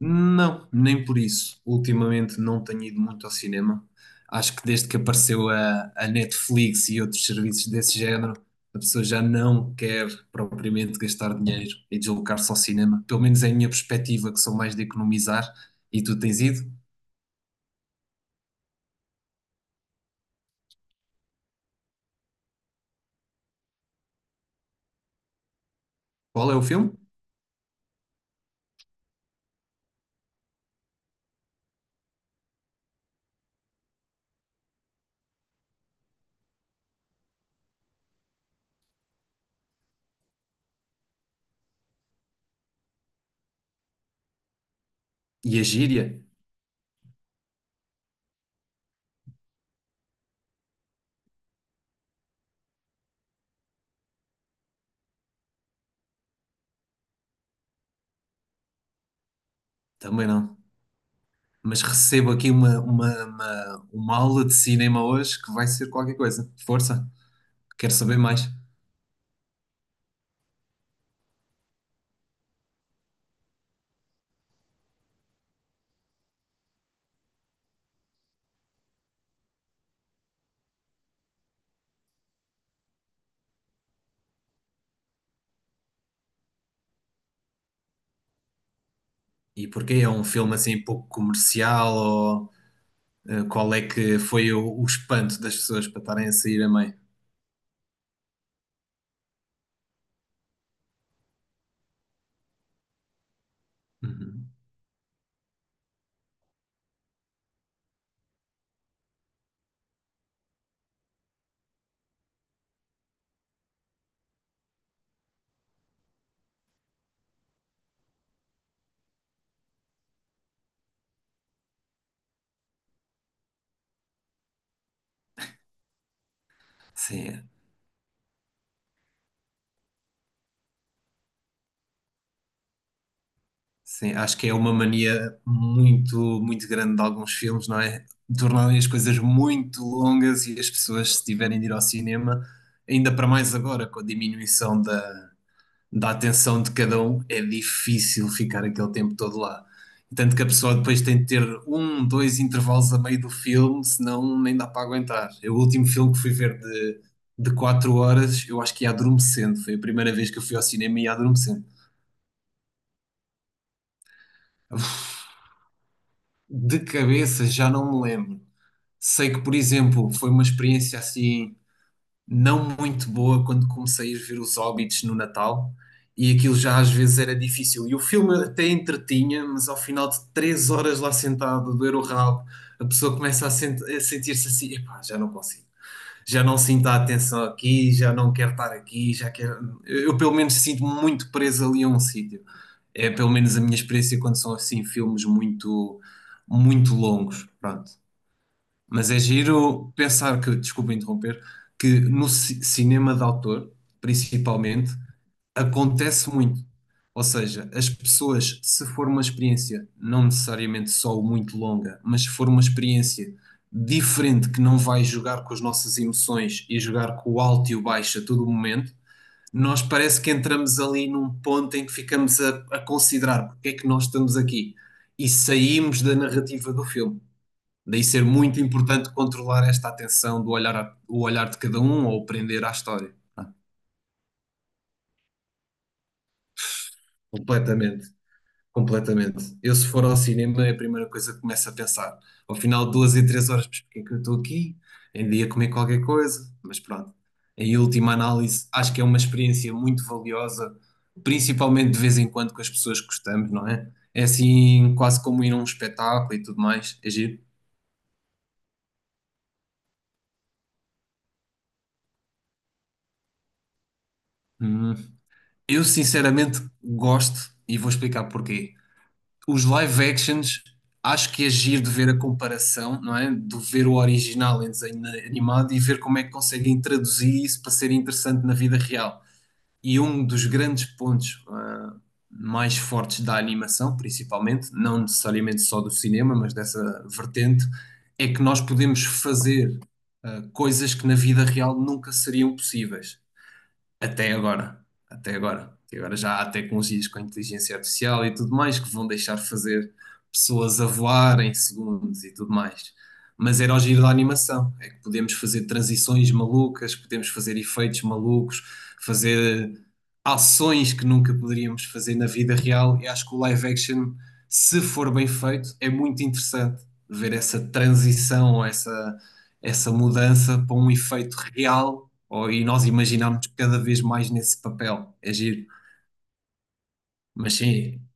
Não, nem por isso. Ultimamente não tenho ido muito ao cinema. Acho que desde que apareceu a Netflix e outros serviços desse género, a pessoa já não quer propriamente gastar dinheiro e deslocar-se ao cinema. Pelo menos é a minha perspectiva, que sou mais de economizar. E tu tens ido? Qual é o filme? E a gíria? Também não. Mas recebo aqui uma aula de cinema hoje que vai ser qualquer coisa. Força, quero saber mais. E porquê? É um filme assim pouco comercial. Qual é que foi o espanto das pessoas para estarem a sair a meio? Uhum. Sim, sim, acho que é uma mania muito, muito grande de alguns filmes, não é? Tornarem as coisas muito longas e as pessoas, se tiverem de ir ao cinema, ainda para mais agora, com a diminuição da atenção de cada um, é difícil ficar aquele tempo todo lá. Tanto que a pessoa depois tem de ter um, dois intervalos a meio do filme, senão nem dá para aguentar. Eu, o último filme que fui ver de 4 horas, eu acho que ia adormecendo. Foi a primeira vez que eu fui ao cinema e ia adormecendo. De cabeça já não me lembro. Sei que, por exemplo, foi uma experiência assim não muito boa quando comecei a ver os Hobbits no Natal e aquilo já às vezes era difícil. E o filme até entretinha, mas ao final de 3 horas lá sentado, a doer o rabo, a pessoa começa a sentir-se assim: epá, já não consigo. Já não sinto a atenção aqui, já não quero estar aqui, já quero. Eu, pelo menos, sinto-me muito preso ali a um sítio. É pelo menos a minha experiência quando são assim filmes muito, muito longos. Pronto. Mas é giro pensar que, desculpa interromper, que no cinema de autor, principalmente, acontece muito. Ou seja, as pessoas, se for uma experiência, não necessariamente só muito longa, mas se for uma experiência diferente que não vai jogar com as nossas emoções e jogar com o alto e o baixo a todo o momento, nós parece que entramos ali num ponto em que ficamos a considerar porque é que nós estamos aqui e saímos da narrativa do filme. Daí ser muito importante controlar esta atenção do olhar, o olhar de cada um ou prender à história. Completamente, completamente. Eu, se for ao cinema, é a primeira coisa que começo a pensar. Ao final de 2 e 3 horas, mas porquê que eu estou aqui? Ainda ia comer qualquer coisa, mas pronto. Em última análise, acho que é uma experiência muito valiosa, principalmente de vez em quando com as pessoas que gostamos, não é? É assim, quase como ir a um espetáculo e tudo mais. É giro. Hum. Eu, sinceramente, gosto e vou explicar porquê. Os live actions, acho que é giro de ver a comparação, não é? De ver o original em desenho animado e ver como é que conseguem traduzir isso para ser interessante na vida real. E um dos grandes pontos, mais fortes da animação, principalmente, não necessariamente só do cinema, mas dessa vertente, é que nós podemos fazer, coisas que na vida real nunca seriam possíveis. Até agora, até agora. E agora já há tecnologias com inteligência artificial e tudo mais que vão deixar fazer pessoas a voar em segundos e tudo mais. Mas era o giro da animação, é que podemos fazer transições malucas, podemos fazer efeitos malucos, fazer ações que nunca poderíamos fazer na vida real. E acho que o live action, se for bem feito, é muito interessante ver essa transição, essa mudança para um efeito real e nós imaginamos cada vez mais nesse papel, é giro. Mas sim,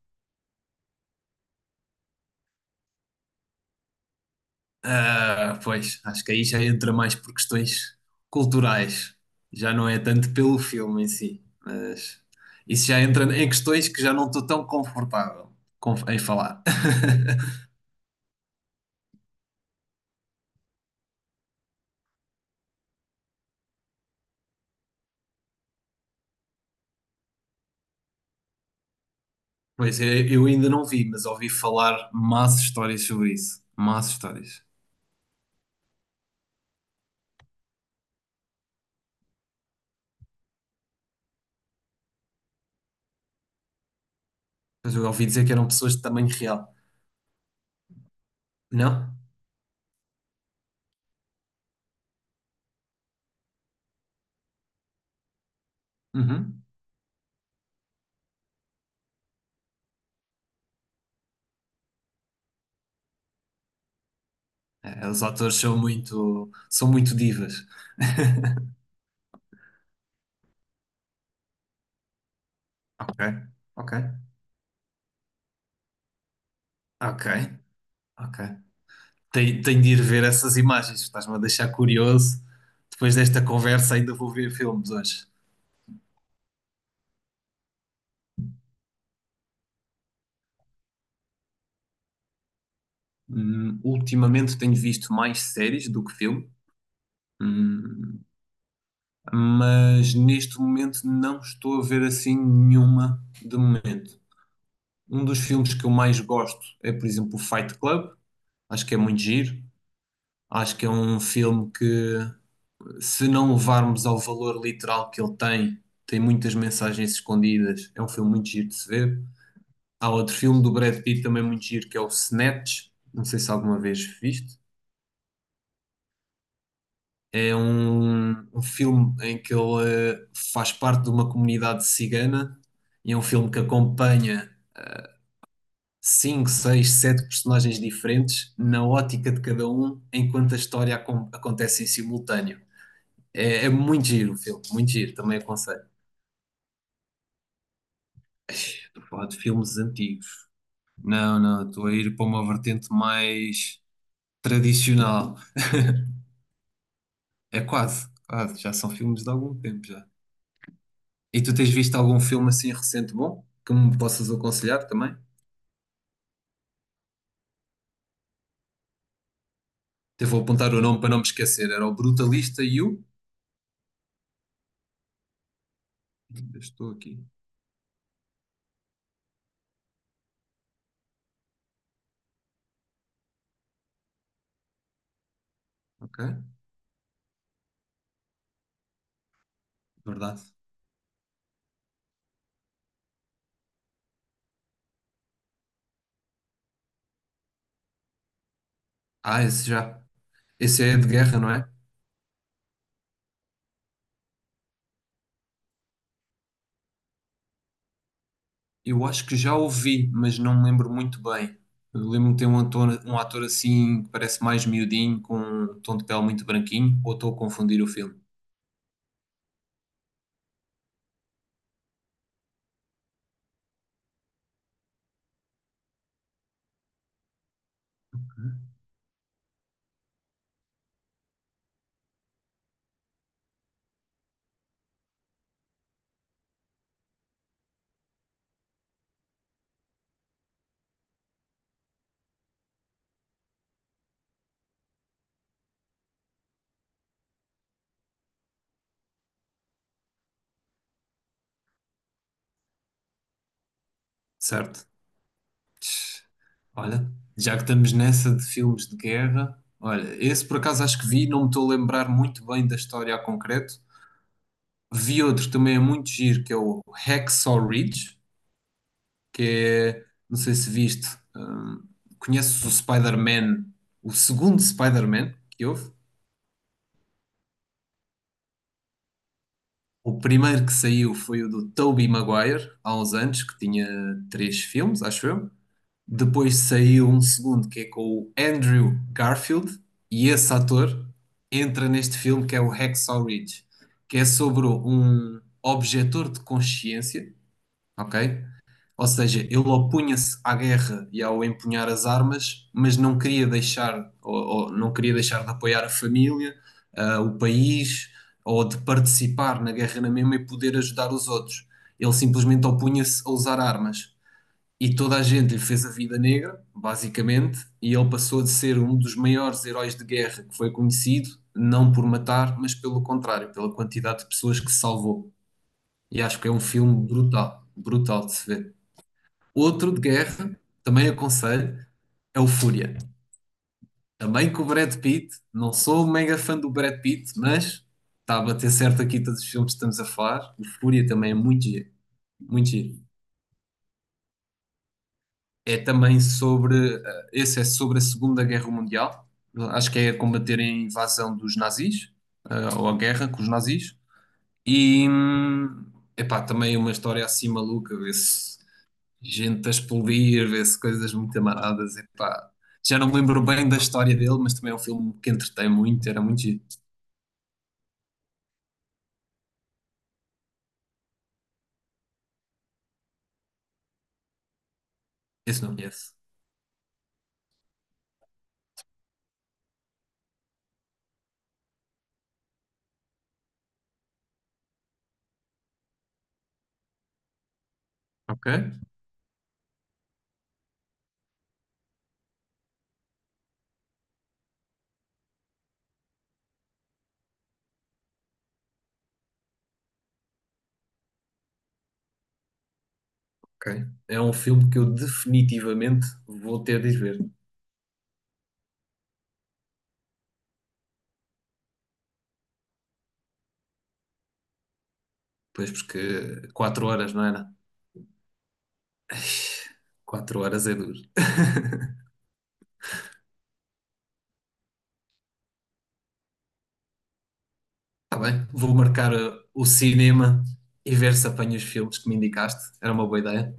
pois, acho que aí já entra mais por questões culturais, já não é tanto pelo filme em si, mas isso já entra em questões que já não estou tão confortável em falar. Pois, eu ainda não vi, mas ouvi falar más histórias sobre isso, más histórias. Mas eu ouvi dizer que eram pessoas de tamanho real, não? Uhum. É, os atores são muito divas. Ok, ok, ok, ok. Tenho de ir ver essas imagens, estás-me a deixar curioso. Depois desta conversa, ainda vou ver filmes hoje. Ultimamente tenho visto mais séries do que filme, hum, mas neste momento não estou a ver assim nenhuma de momento. Um dos filmes que eu mais gosto é, por exemplo, o Fight Club. Acho que é muito giro. Acho que é um filme que se não levarmos ao valor literal que ele tem, tem muitas mensagens escondidas. É um filme muito giro de se ver. Há outro filme do Brad Pitt também muito giro que é o Snatch. Não sei se alguma vez viste. É um filme em que ele faz parte de uma comunidade cigana e é um filme que acompanha cinco, seis, sete personagens diferentes na ótica de cada um, enquanto a história acontece em simultâneo. É muito giro o filme, muito giro, também aconselho. Estou a falar de filmes antigos. Não, não, estou a ir para uma vertente mais tradicional. É quase, quase, já são filmes de algum tempo já. E tu tens visto algum filme assim recente bom que me possas aconselhar também? Até vou apontar o nome para não me esquecer. Era o Brutalista e o. Estou aqui, ok? Verdade. Ah, esse já. Esse é de guerra, não é? Eu acho que já ouvi, mas não me lembro muito bem. Eu lembro-me de ter um ator assim que parece mais miudinho, com um tom de pele muito branquinho, ou estou a confundir o filme, certo? Olha, já que estamos nessa de filmes de guerra, olha, esse por acaso acho que vi, não me estou a lembrar muito bem da história a concreto. Vi outro que também é muito giro, que é o Hacksaw Ridge, que é, não sei se viste, hum, conheces o Spider-Man, o segundo Spider-Man que houve. O primeiro que saiu foi o do Tobey Maguire, há uns anos, que tinha três filmes, acho eu. Depois saiu um segundo que é com o Andrew Garfield, e esse ator entra neste filme que é o Hacksaw Ridge, que é sobre um objetor de consciência, ok? Ou seja, ele opunha-se à guerra e ao empunhar as armas, mas não queria deixar, ou não queria deixar de apoiar a família, o país, ou de participar na guerra na mesma e poder ajudar os outros. Ele simplesmente opunha-se a usar armas. E toda a gente lhe fez a vida negra, basicamente, e ele passou de ser um dos maiores heróis de guerra que foi conhecido, não por matar, mas pelo contrário, pela quantidade de pessoas que salvou. E acho que é um filme brutal, brutal de se ver. Outro de guerra, também aconselho, é o Fúria. Também com o Brad Pitt, não sou um mega fã do Brad Pitt, mas está a bater certo aqui todos os filmes que estamos a falar. O Fúria também é muito giro, muito giro. É também sobre, esse é sobre a Segunda Guerra Mundial, acho que é a combater a invasão dos nazis, ou a guerra com os nazis, e epá, também uma história assim maluca, vê-se gente a explodir, vê-se coisas muito amaradas, epá. Já não me lembro bem da história dele, mas também é um filme que entretém muito, era muito giro. Esse não conheço. Ok? Ok. É um filme que eu definitivamente vou ter de ir ver. Pois, porque 4 horas, não é? 4 horas é duro. Tá bem, vou marcar o cinema e ver se apanho os filmes que me indicaste. Era uma boa ideia.